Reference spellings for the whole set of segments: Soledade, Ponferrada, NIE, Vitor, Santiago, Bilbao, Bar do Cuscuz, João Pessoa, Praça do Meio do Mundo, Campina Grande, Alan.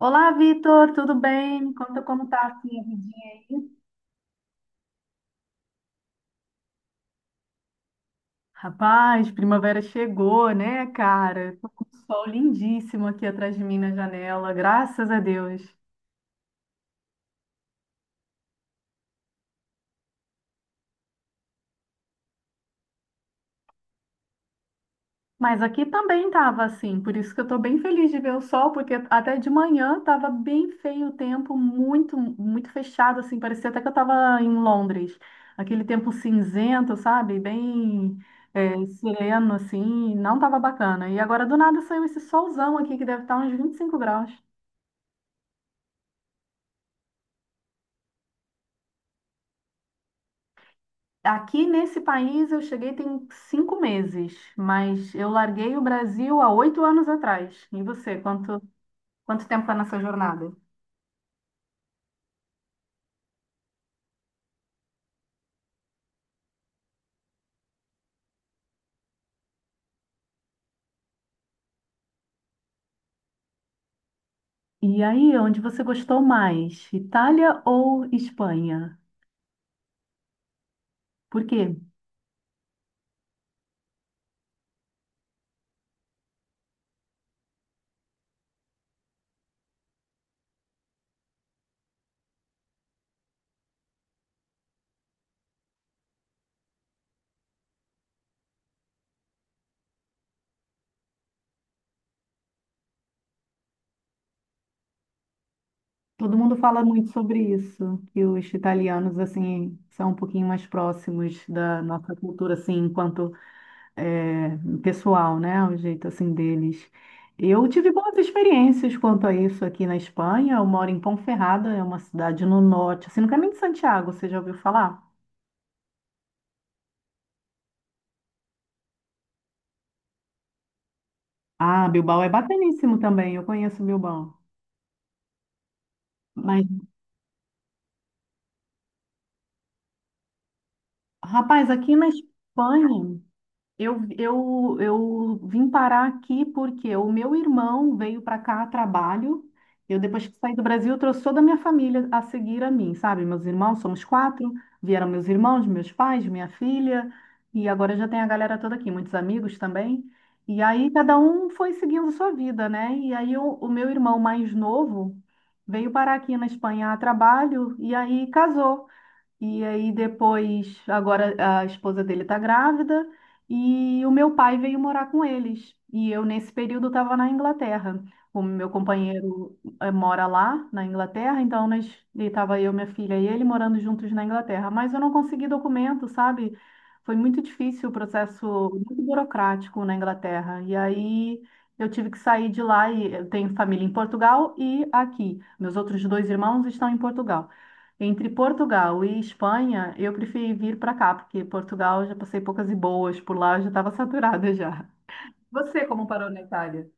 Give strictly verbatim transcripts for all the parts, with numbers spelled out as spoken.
Olá, Vitor, tudo bem? Me conta como tá assim a vidinha aí. Rapaz, primavera chegou, né, cara? Tô com um sol lindíssimo aqui atrás de mim na janela, graças a Deus. Mas aqui também estava assim, por isso que eu estou bem feliz de ver o sol, porque até de manhã estava bem feio o tempo, muito, muito fechado, assim, parecia até que eu estava em Londres. Aquele tempo cinzento, sabe? Bem é, sereno, assim, não estava bacana. E agora do nada saiu esse solzão aqui, que deve estar uns vinte e cinco graus. Aqui nesse país eu cheguei tem cinco meses, mas eu larguei o Brasil há oito anos atrás. E você, quanto, quanto tempo está nessa jornada? E aí, onde você gostou mais? Itália ou Espanha? Por quê? Todo mundo fala muito sobre isso, que os italianos, assim, são um pouquinho mais próximos da nossa cultura, assim, enquanto é, pessoal, né? O jeito, assim, deles. Eu tive boas experiências quanto a isso aqui na Espanha. Eu moro em Ponferrada, é uma cidade no norte, assim, no caminho de Santiago, você já ouviu falar? Ah, Bilbao é bacaníssimo também, eu conheço Bilbao. Mas, rapaz, aqui na Espanha... Eu, eu, eu vim parar aqui porque o meu irmão veio para cá a trabalho. Eu, depois que saí do Brasil, eu trouxe toda a minha família a seguir a mim, sabe? Meus irmãos, somos quatro. Vieram meus irmãos, meus pais, minha filha. E agora já tem a galera toda aqui, muitos amigos também. E aí cada um foi seguindo sua vida, né? E aí o, o meu irmão mais novo veio parar aqui na Espanha a trabalho e aí casou. E aí depois, agora a esposa dele está grávida e o meu pai veio morar com eles. E eu, nesse período, estava na Inglaterra. O meu companheiro eh, mora lá, na Inglaterra, então nós, estava eu, minha filha e ele morando juntos na Inglaterra. Mas eu não consegui documento, sabe? Foi muito difícil o processo, muito burocrático na Inglaterra. E aí eu tive que sair de lá e eu tenho família em Portugal e aqui. Meus outros dois irmãos estão em Portugal. Entre Portugal e Espanha, eu preferi vir para cá, porque Portugal eu já passei poucas e boas, por lá eu já estava saturada já. Você como parou na Itália?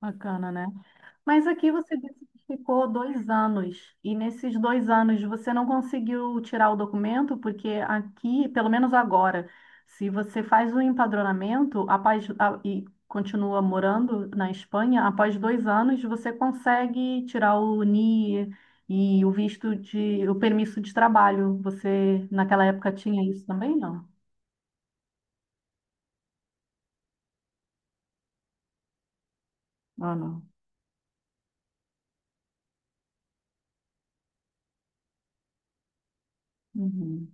Bacana, né? Mas aqui você disse que ficou dois anos, e nesses dois anos você não conseguiu tirar o documento, porque aqui, pelo menos agora, se você faz o empadronamento após, a- e continua morando na Espanha, após dois anos você consegue tirar o NIE e o visto de, o permisso de trabalho. Você naquela época tinha isso também, não? Ah, não. Uhum.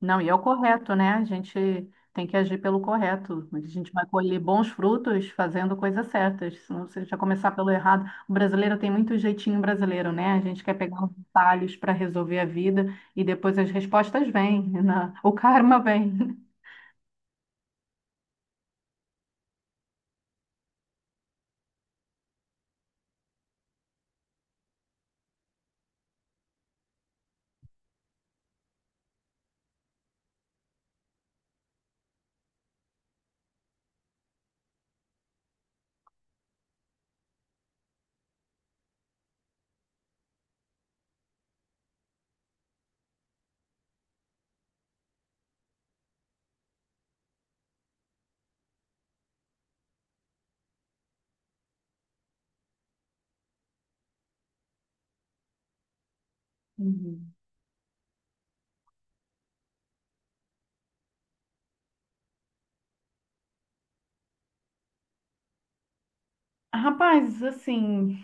Não, e é o correto, né? A gente tem que agir pelo correto. A gente vai colher bons frutos fazendo coisas certas. Senão, se a gente já começar pelo errado, o brasileiro tem muito jeitinho brasileiro, né? A gente quer pegar os detalhes para resolver a vida e depois as respostas vêm, né? O karma vem. Uhum. Rapaz, assim,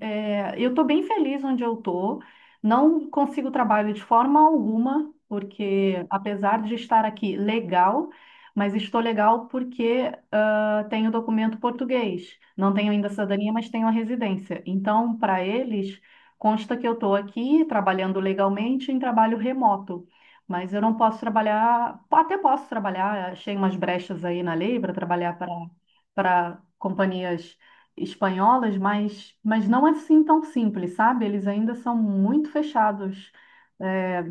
é, eu estou bem feliz onde eu estou. Não consigo trabalho de forma alguma, porque apesar de estar aqui legal, mas estou legal porque ah, tenho documento português. Não tenho ainda cidadania, mas tenho a residência. Então, para eles, consta que eu estou aqui trabalhando legalmente em trabalho remoto. Mas eu não posso trabalhar, até posso trabalhar, achei umas brechas aí na lei para trabalhar para para companhias espanholas, mas, mas não assim tão simples, sabe? Eles ainda são muito fechados, é,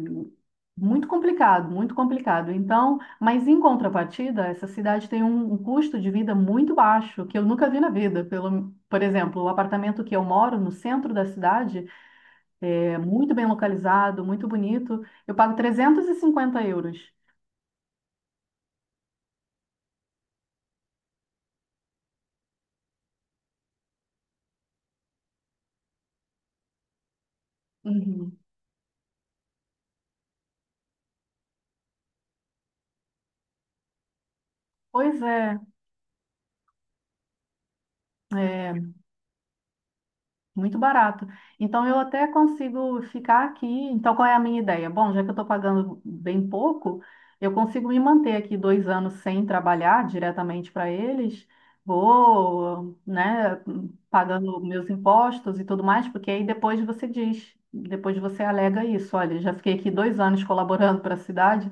muito complicado, muito complicado. Então, mas em contrapartida, essa cidade tem um, um custo de vida muito baixo, que eu nunca vi na vida. Pelo, por exemplo, o apartamento que eu moro no centro da cidade é muito bem localizado, muito bonito. Eu pago trezentos e cinquenta euros. Uhum. Pois é, é, muito barato. Então, eu até consigo ficar aqui. Então, qual é a minha ideia? Bom, já que eu estou pagando bem pouco, eu consigo me manter aqui dois anos sem trabalhar diretamente para eles. Vou, né, pagando meus impostos e tudo mais, porque aí depois você diz, depois você alega isso. Olha, já fiquei aqui dois anos colaborando para a cidade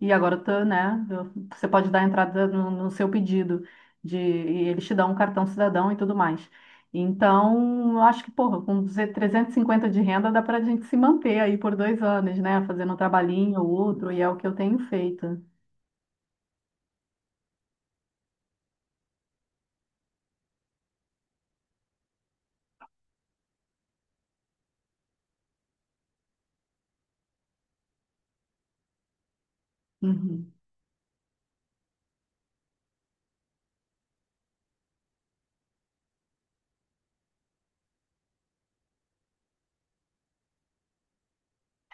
e agora eu tô, né, eu- você pode dar entrada no, no seu pedido de, e eles te dão um cartão cidadão e tudo mais. Então, eu acho que, porra, com trezentos e cinquenta de renda dá pra gente se manter aí por dois anos, né? Fazendo um trabalhinho ou outro, e é o que eu tenho feito. Uhum.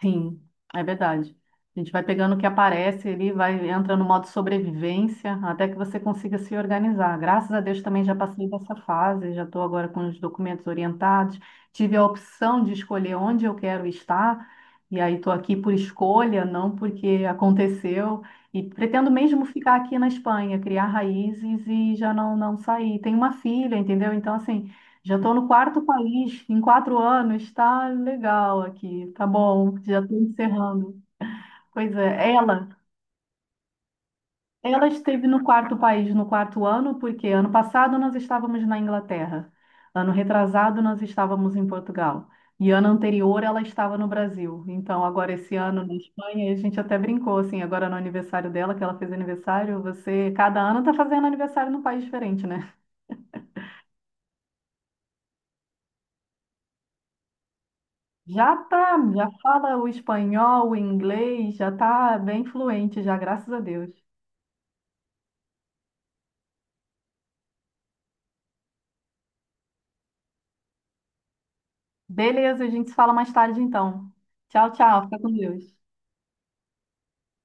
Sim, é verdade. A gente vai pegando o que aparece ali, vai entrando no modo sobrevivência, até que você consiga se organizar. Graças a Deus também já passei dessa fase, já estou agora com os documentos orientados. Tive a opção de escolher onde eu quero estar, e aí estou aqui por escolha, não porque aconteceu. E pretendo mesmo ficar aqui na Espanha, criar raízes e já não, não sair. Tenho uma filha, entendeu? Então, assim. Já estou no quarto país em quatro anos. Está legal aqui, tá bom, já estou encerrando. Pois é, ela, ela, esteve no quarto país no quarto ano, porque ano passado nós estávamos na Inglaterra, ano retrasado nós estávamos em Portugal, e ano anterior ela estava no Brasil. Então, agora esse ano na Espanha, a gente até brincou assim, agora no aniversário dela, que ela fez aniversário, você, cada ano está fazendo aniversário num país diferente, né? Já tá, já fala o espanhol, o inglês, já tá bem fluente já, graças a Deus. Beleza, a gente se fala mais tarde então. Tchau, tchau, fica com Deus.